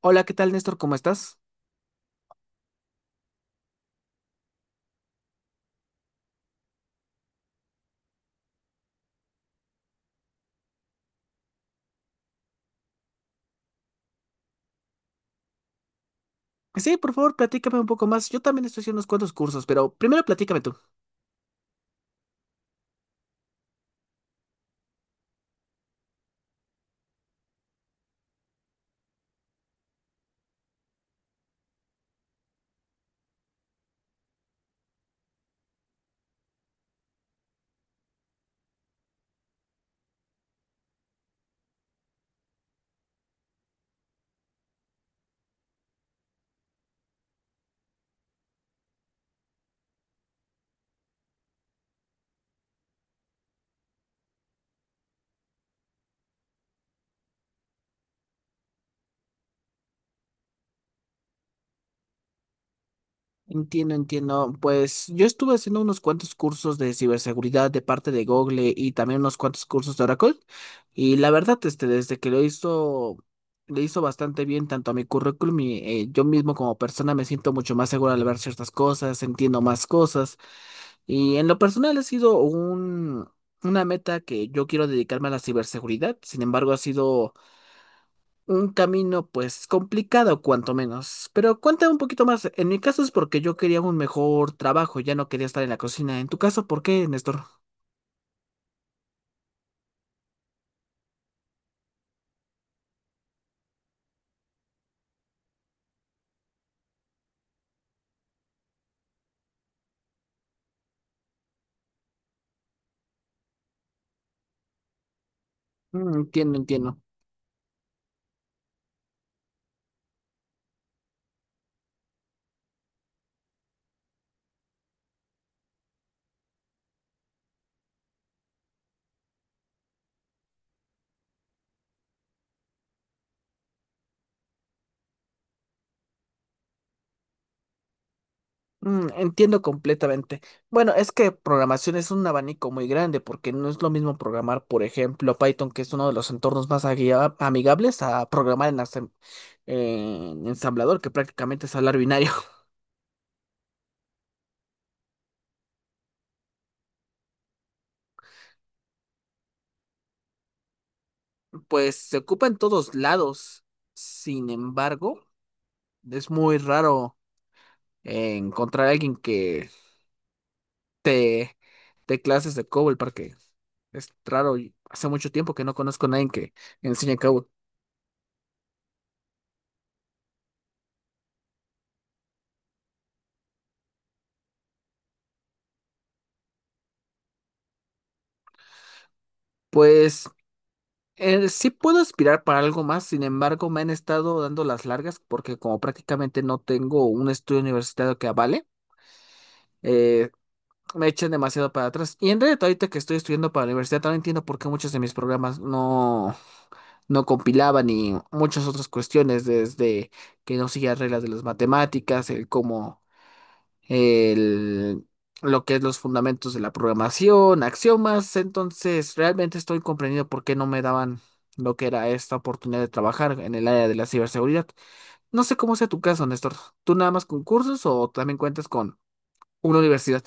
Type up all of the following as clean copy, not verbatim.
Hola, ¿qué tal, Néstor? ¿Cómo estás? Sí, por favor, platícame un poco más. Yo también estoy haciendo unos cuantos cursos, pero primero platícame tú. Entiendo, entiendo. Pues yo estuve haciendo unos cuantos cursos de ciberseguridad de parte de Google y también unos cuantos cursos de Oracle. Y la verdad, este, desde que lo hizo, le hizo bastante bien tanto a mi currículum y yo mismo como persona me siento mucho más seguro al ver ciertas cosas, entiendo más cosas. Y en lo personal ha sido una meta que yo quiero dedicarme a la ciberseguridad. Sin embargo, ha sido un camino, pues, complicado, cuanto menos. Pero cuéntame un poquito más. En mi caso es porque yo quería un mejor trabajo, ya no quería estar en la cocina. En tu caso, ¿por qué, Néstor? Mm, entiendo, entiendo. Mm, entiendo completamente. Bueno, es que programación es un abanico muy grande, porque no es lo mismo programar, por ejemplo, Python, que es uno de los entornos más amigables, a programar en ensamblador, que prácticamente es hablar binario. Pues se ocupa en todos lados. Sin embargo, es muy raro. Encontrar a alguien que te dé clases de COBOL porque es raro y hace mucho tiempo que no conozco a nadie que enseñe COBOL. Pues sí puedo aspirar para algo más, sin embargo me han estado dando las largas porque como prácticamente no tengo un estudio universitario que avale, eh, me echan demasiado para atrás. Y en realidad ahorita que estoy estudiando para la universidad también entiendo por qué muchos de mis programas no compilaban y muchas otras cuestiones desde que no seguía reglas de las matemáticas, el cómo el- lo que es los fundamentos de la programación, axiomas. Entonces, realmente estoy comprendiendo por qué no me daban lo que era esta oportunidad de trabajar en el área de la ciberseguridad. No sé cómo sea tu caso, Néstor. ¿Tú nada más con cursos o también cuentas con una universidad?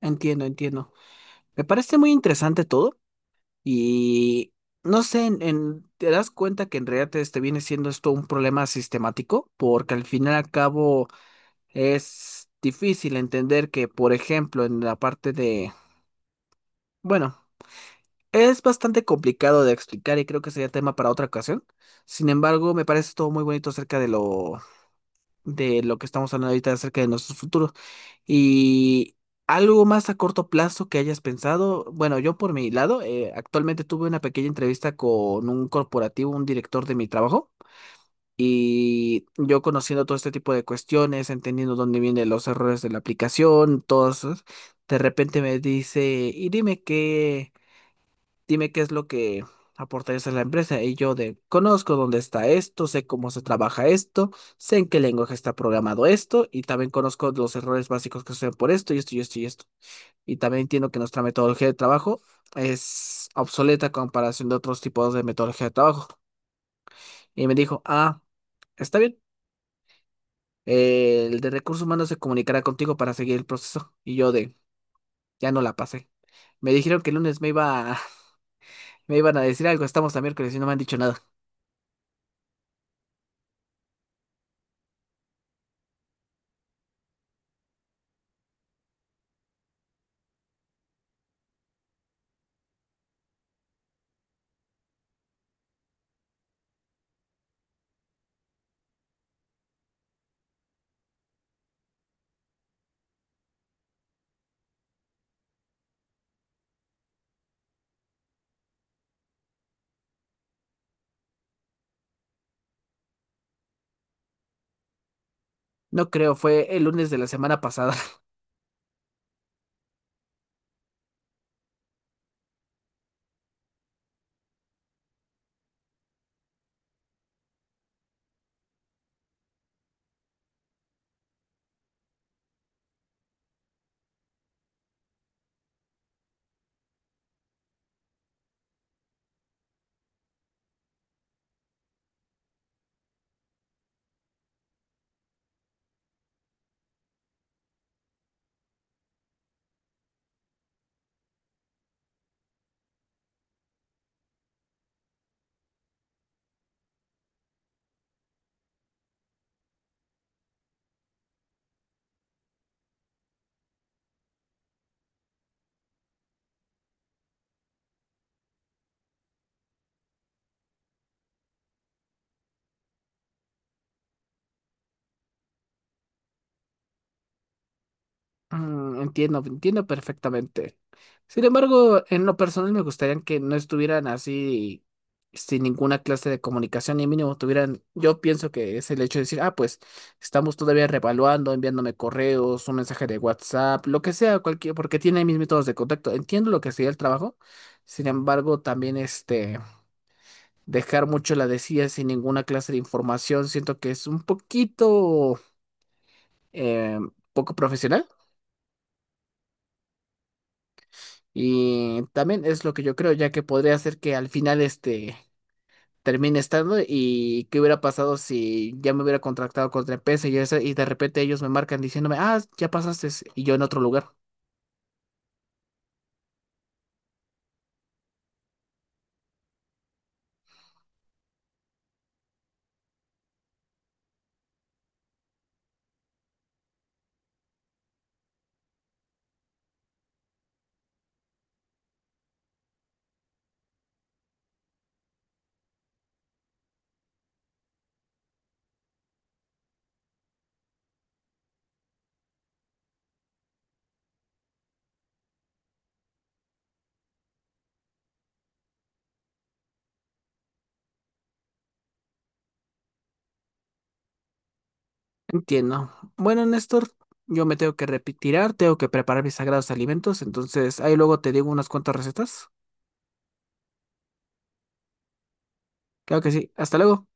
Entiendo, entiendo. Me parece muy interesante todo. Y no sé, te das cuenta que en realidad este viene siendo esto un problema sistemático, porque al final y al cabo es difícil entender que, por ejemplo, en la parte de, bueno, es bastante complicado de explicar y creo que sería tema para otra ocasión. Sin embargo, me parece todo muy bonito acerca de lo que estamos hablando ahorita acerca de nuestro futuro. Y algo más a corto plazo que hayas pensado, bueno, yo por mi lado, actualmente tuve una pequeña entrevista con un corporativo, un director de mi trabajo, y yo conociendo todo este tipo de cuestiones, entendiendo dónde vienen los errores de la aplicación, todos, de repente me dice, y dime qué es lo que aportarías a la empresa. Y yo de, conozco dónde está esto, sé cómo se trabaja esto, sé en qué lenguaje está programado esto, y también conozco los errores básicos que suceden por esto, y esto, y esto, y esto. Y también entiendo que nuestra metodología de trabajo es obsoleta a comparación de otros tipos de metodología de trabajo. Y me dijo, ah, está bien. El de recursos humanos se comunicará contigo para seguir el proceso. Y yo de, ya no la pasé. Me dijeron que el lunes me iban a decir algo, estamos a miércoles y no me han dicho nada. No creo, fue el lunes de la semana pasada. Mm, entiendo, entiendo perfectamente. Sin embargo, en lo personal me gustaría que no estuvieran así sin ninguna clase de comunicación y mínimo tuvieran, yo pienso que es el hecho de decir, ah, pues estamos todavía revaluando, enviándome correos, un mensaje de WhatsApp, lo que sea, cualquier, porque tiene mis métodos de contacto. Entiendo lo que sería el trabajo. Sin embargo, también este, dejar mucho la decía sin ninguna clase de información, siento que es un poquito eh, poco profesional. Y también es lo que yo creo, ya que podría ser que al final este termine estando y qué hubiera pasado si ya me hubiera contractado contra empresa y, eso y de repente ellos me marcan diciéndome, ah, ya pasaste y yo en otro lugar. Entiendo. Bueno, Néstor, yo me tengo que retirar, tengo que preparar mis sagrados alimentos, entonces ahí luego te digo unas cuantas recetas. Claro que sí. Hasta luego.